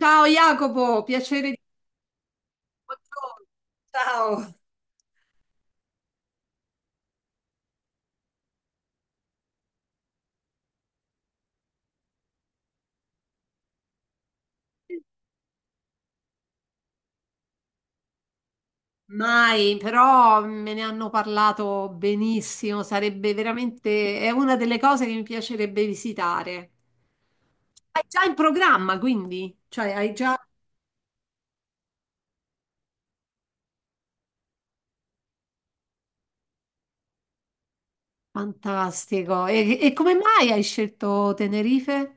Ciao Jacopo, piacere di Buongiorno. Ciao. Mai, però me ne hanno parlato benissimo, sarebbe veramente, è una delle cose che mi piacerebbe visitare. Hai già in programma, quindi? Cioè, hai già... Fantastico. E come mai hai scelto Tenerife?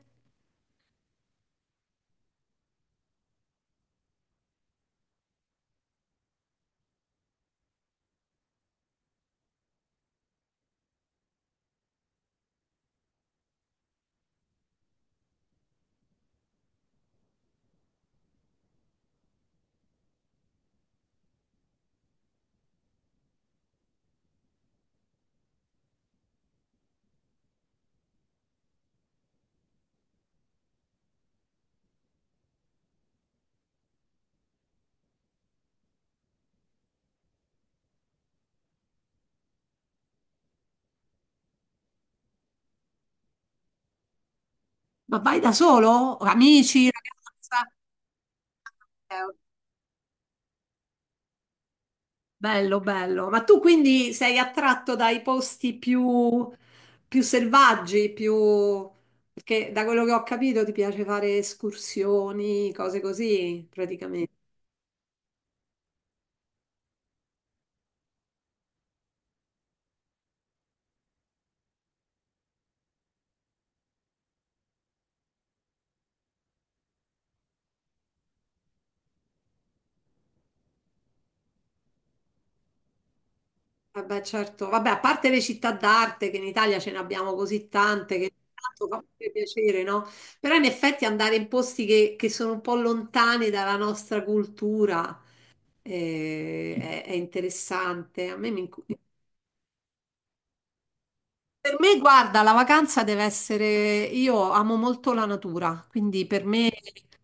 Ma vai da solo? Amici, ragazza? Bello, bello. Ma tu quindi sei attratto dai più selvaggi, più... Perché da quello che ho capito ti piace fare escursioni, cose così, praticamente. Vabbè, certo. Vabbè, a parte le città d'arte, che in Italia ce ne abbiamo così tante, che tanto fa pure piacere, no? Però in effetti andare in posti che sono un po' lontani dalla nostra cultura eh, è interessante. A me mi... incuriosisce. Per me, guarda, la vacanza deve essere... Io amo molto la natura, quindi per me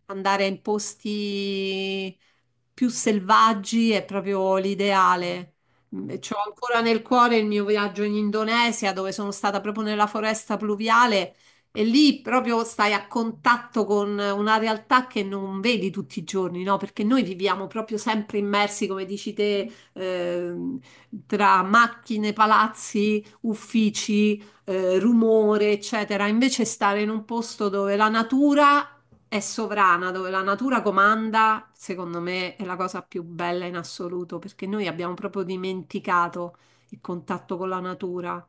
andare in posti più selvaggi è proprio l'ideale. Mm, c'ho ancora nel cuore il mio viaggio in Indonesia, dove sono stata proprio nella foresta pluviale e lì proprio stai a contatto con una realtà che non vedi tutti i giorni, no? Perché noi viviamo proprio sempre immersi, come dici te, tra macchine, palazzi uffici, rumore, eccetera. Invece stare in un posto dove la natura è sovrana, dove la natura comanda, secondo me è la cosa più bella in assoluto, perché noi abbiamo proprio dimenticato il contatto con la natura.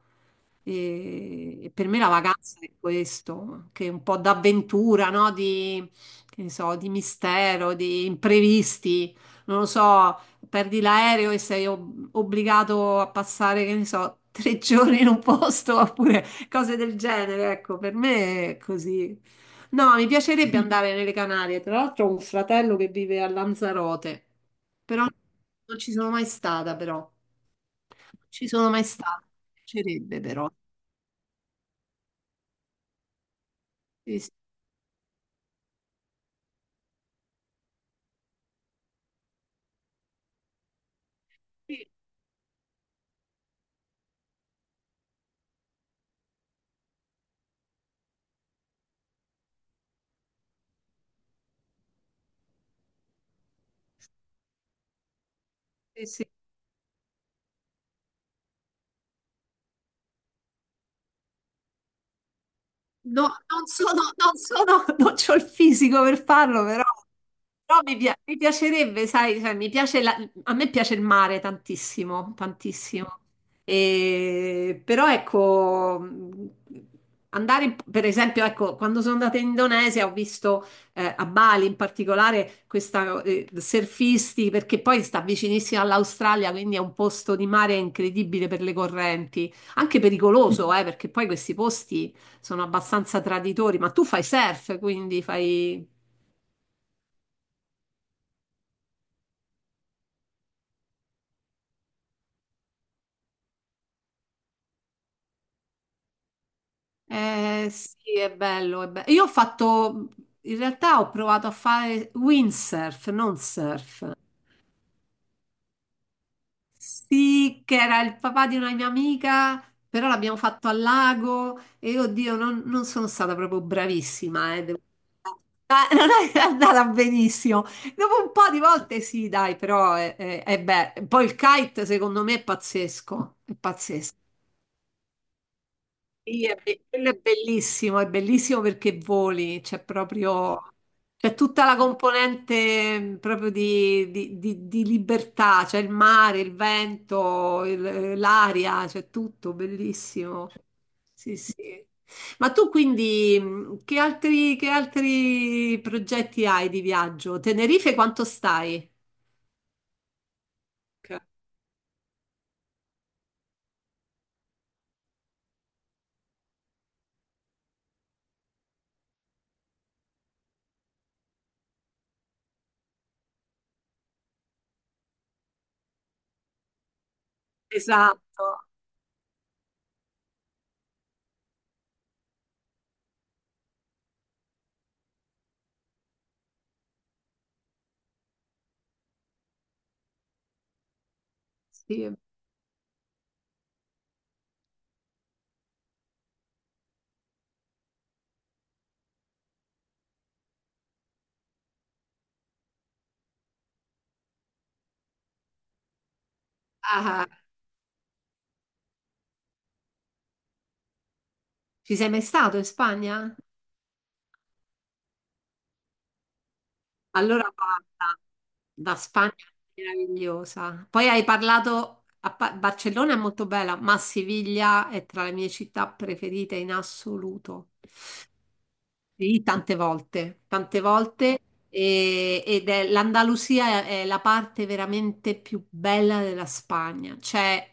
E per me la vacanza è questo, che è un po' d'avventura, no? Di, che ne so, di mistero, di imprevisti. Non lo so, perdi l'aereo e sei obbligato a passare, che ne so, tre giorni in un posto oppure cose del genere. Ecco, per me è così. No, mi piacerebbe andare nelle Canarie. Tra l'altro ho un fratello che vive a Lanzarote, però non ci sono mai stata, però. Non ci sono mai stata. Mi piacerebbe, però. Sì, sì, sì, sì, sì. No, non sono, non c'ho il fisico per farlo, però, però mi, mi piacerebbe, sai, cioè, a me piace il mare tantissimo, tantissimo. Però ecco, andare, per esempio, ecco, quando sono andata in Indonesia ho visto a Bali in particolare questa surfisti, perché poi sta vicinissima all'Australia, quindi è un posto di mare incredibile per le correnti, anche pericoloso, perché poi questi posti sono abbastanza traditori, ma tu fai surf, quindi fai... sì, è bello, è bello. Io ho fatto, in realtà ho provato a fare windsurf, non surf. Sì, che era il papà di una mia amica, però l'abbiamo fatto al lago e oddio, non sono stata proprio bravissima, devo- Non è andata benissimo. Dopo un po' di volte sì, dai, però è bello. Poi il kite secondo me è pazzesco, è pazzesco. Sì, quello è bellissimo perché voli, c'è proprio, c'è tutta la componente proprio di, di libertà, c'è il mare, il vento, l'aria, c'è tutto, bellissimo. Sì, sì. Ma tu quindi che altri progetti hai di viaggio? Tenerife quanto stai? Esatto. Sì. Ah, ci sei mai stato in Spagna? Allora guarda, la Spagna è meravigliosa. Poi hai parlato, a Barcellona è molto bella, ma Siviglia è tra le mie città preferite in assoluto. Sì, tante volte, ed è l'Andalusia è la parte veramente più bella della Spagna. C'è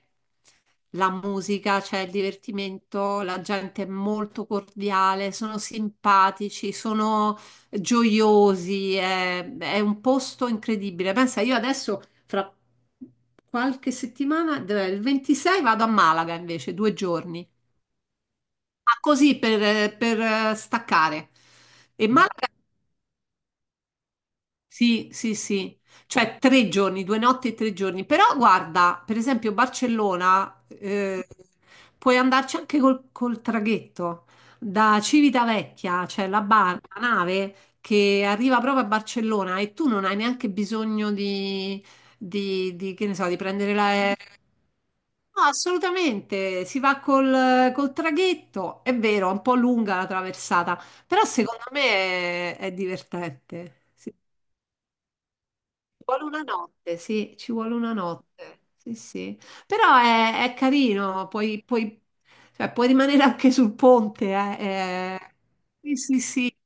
la musica, c'è il divertimento, la gente è molto cordiale, sono simpatici, sono gioiosi, è un posto incredibile. Pensa, io adesso fra qualche settimana, dov'è? Il 26 vado a Malaga invece, due giorni. Ah, così per staccare. E mm. Malaga, sì, sì, sì, cioè tre giorni, due notti e tre giorni. Però guarda, per esempio Barcellona, puoi andarci anche col traghetto da Civitavecchia, cioè la, la nave che arriva proprio a Barcellona e tu non hai neanche bisogno di, di, che ne so, di prendere. No, assolutamente, si va col traghetto, è vero, è un po' lunga la traversata, però secondo me è divertente. Sì, ci vuole una notte, sì, ci vuole una notte, sì, sì. Però è carino, puoi, puoi- cioè, puoi rimanere anche sul ponte, è- Sì, sì,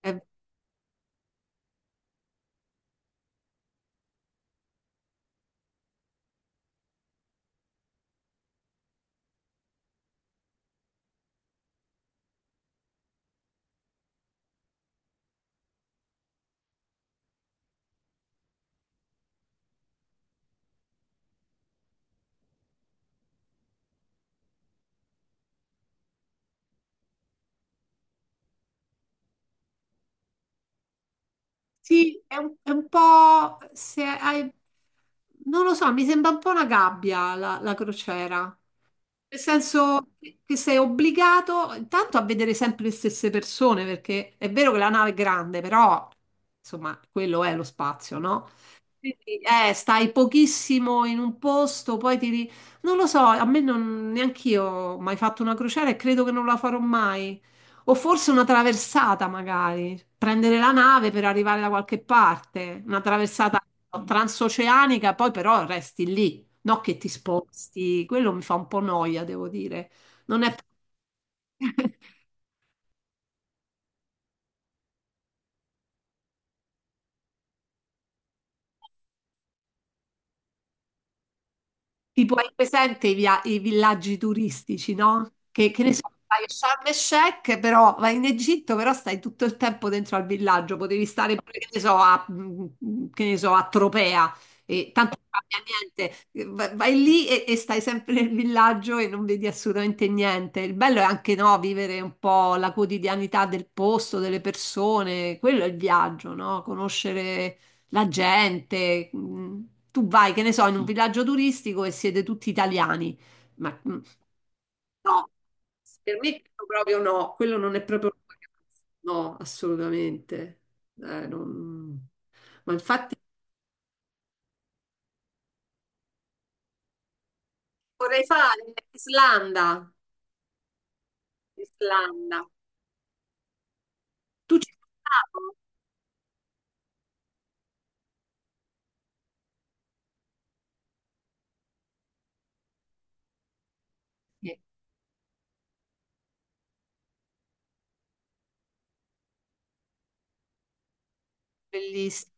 è, sì, è un po', se hai, non lo so, mi sembra un po' una gabbia la crociera. Nel senso che sei obbligato intanto a vedere sempre le stesse persone, perché è vero che la nave è grande, però insomma, quello è lo spazio, no? Quindi, stai pochissimo in un posto, poi ti... ri- Non lo so, a me non... neanch'io ho mai fatto una crociera e credo che non la farò mai. O forse una traversata, magari. Prendere la nave per arrivare da qualche parte. Una traversata transoceanica, poi però resti lì. No che ti sposti. Quello mi fa un po' noia, devo dire. Non è... Tipo, hai presente i, i villaggi turistici, no? Che ne so, vai a Sharm el Sheikh, però vai in Egitto, però stai tutto il tempo dentro al villaggio, potevi stare pure, che ne so, a, mm, che ne so, a Tropea, e tanto non cambia niente. Vai, vai lì e stai sempre nel villaggio e non vedi assolutamente niente. Il bello è anche, no, vivere un po' la quotidianità del posto, delle persone, quello è il viaggio, no? Conoscere la gente. Mm, tu vai, che ne so, in un villaggio turistico e siete tutti italiani. Ma mm, no, per me quello proprio no, quello non è proprio una vacanza. No, assolutamente. Non- Ma infatti vorrei fare Islanda. Islanda. Tu ci sei stato? Sì. Bellissimo.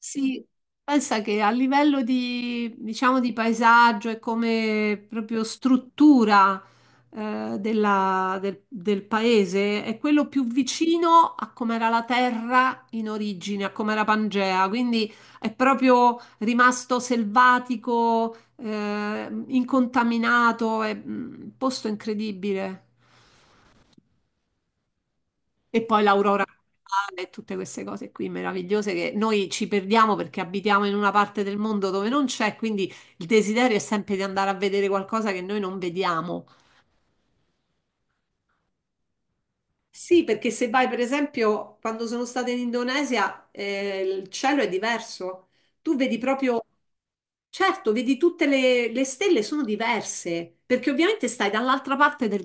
Sì, pensa che a livello di, diciamo, di paesaggio e come proprio struttura del, del paese è quello più vicino a come era la terra in origine, a come era Pangea, quindi è proprio rimasto selvatico, incontaminato, è mm, un posto incredibile. E poi l'aurora boreale e tutte queste cose qui meravigliose che noi ci perdiamo perché abitiamo in una parte del mondo dove non c'è, quindi il desiderio è sempre di andare a vedere qualcosa che noi non vediamo. Sì, perché se vai, per esempio, quando sono stata in Indonesia, il cielo è diverso. Tu vedi proprio, certo, vedi tutte le stelle sono diverse, perché ovviamente stai dall'altra parte del.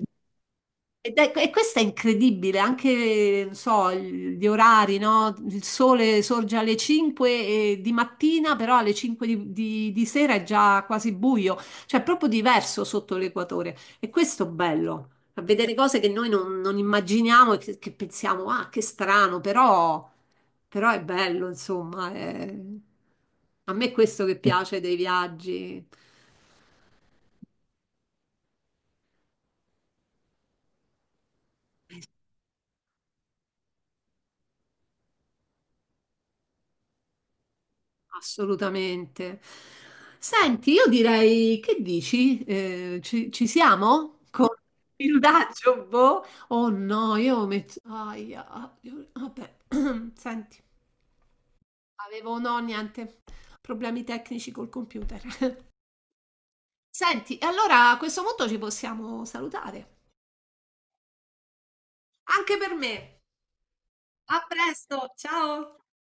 E questo è incredibile, anche, non so, il- gli orari, no? Il sole sorge alle 5 di mattina, però alle 5 di, di sera è già quasi buio, cioè è proprio diverso sotto l'equatore. E questo è bello, a vedere cose che noi non, non immaginiamo e che pensiamo, ah, che strano, però, però è bello, insomma. È- A me è questo che piace dei viaggi. Assolutamente. Senti, io direi, che dici? Ci siamo? Con il daggio, boh? Oh no, io metto... Aia, ah, io- vabbè, senti, avevo no, niente, problemi tecnici col computer. Senti, e allora a questo punto ci possiamo salutare. Anche per me. A presto, ciao!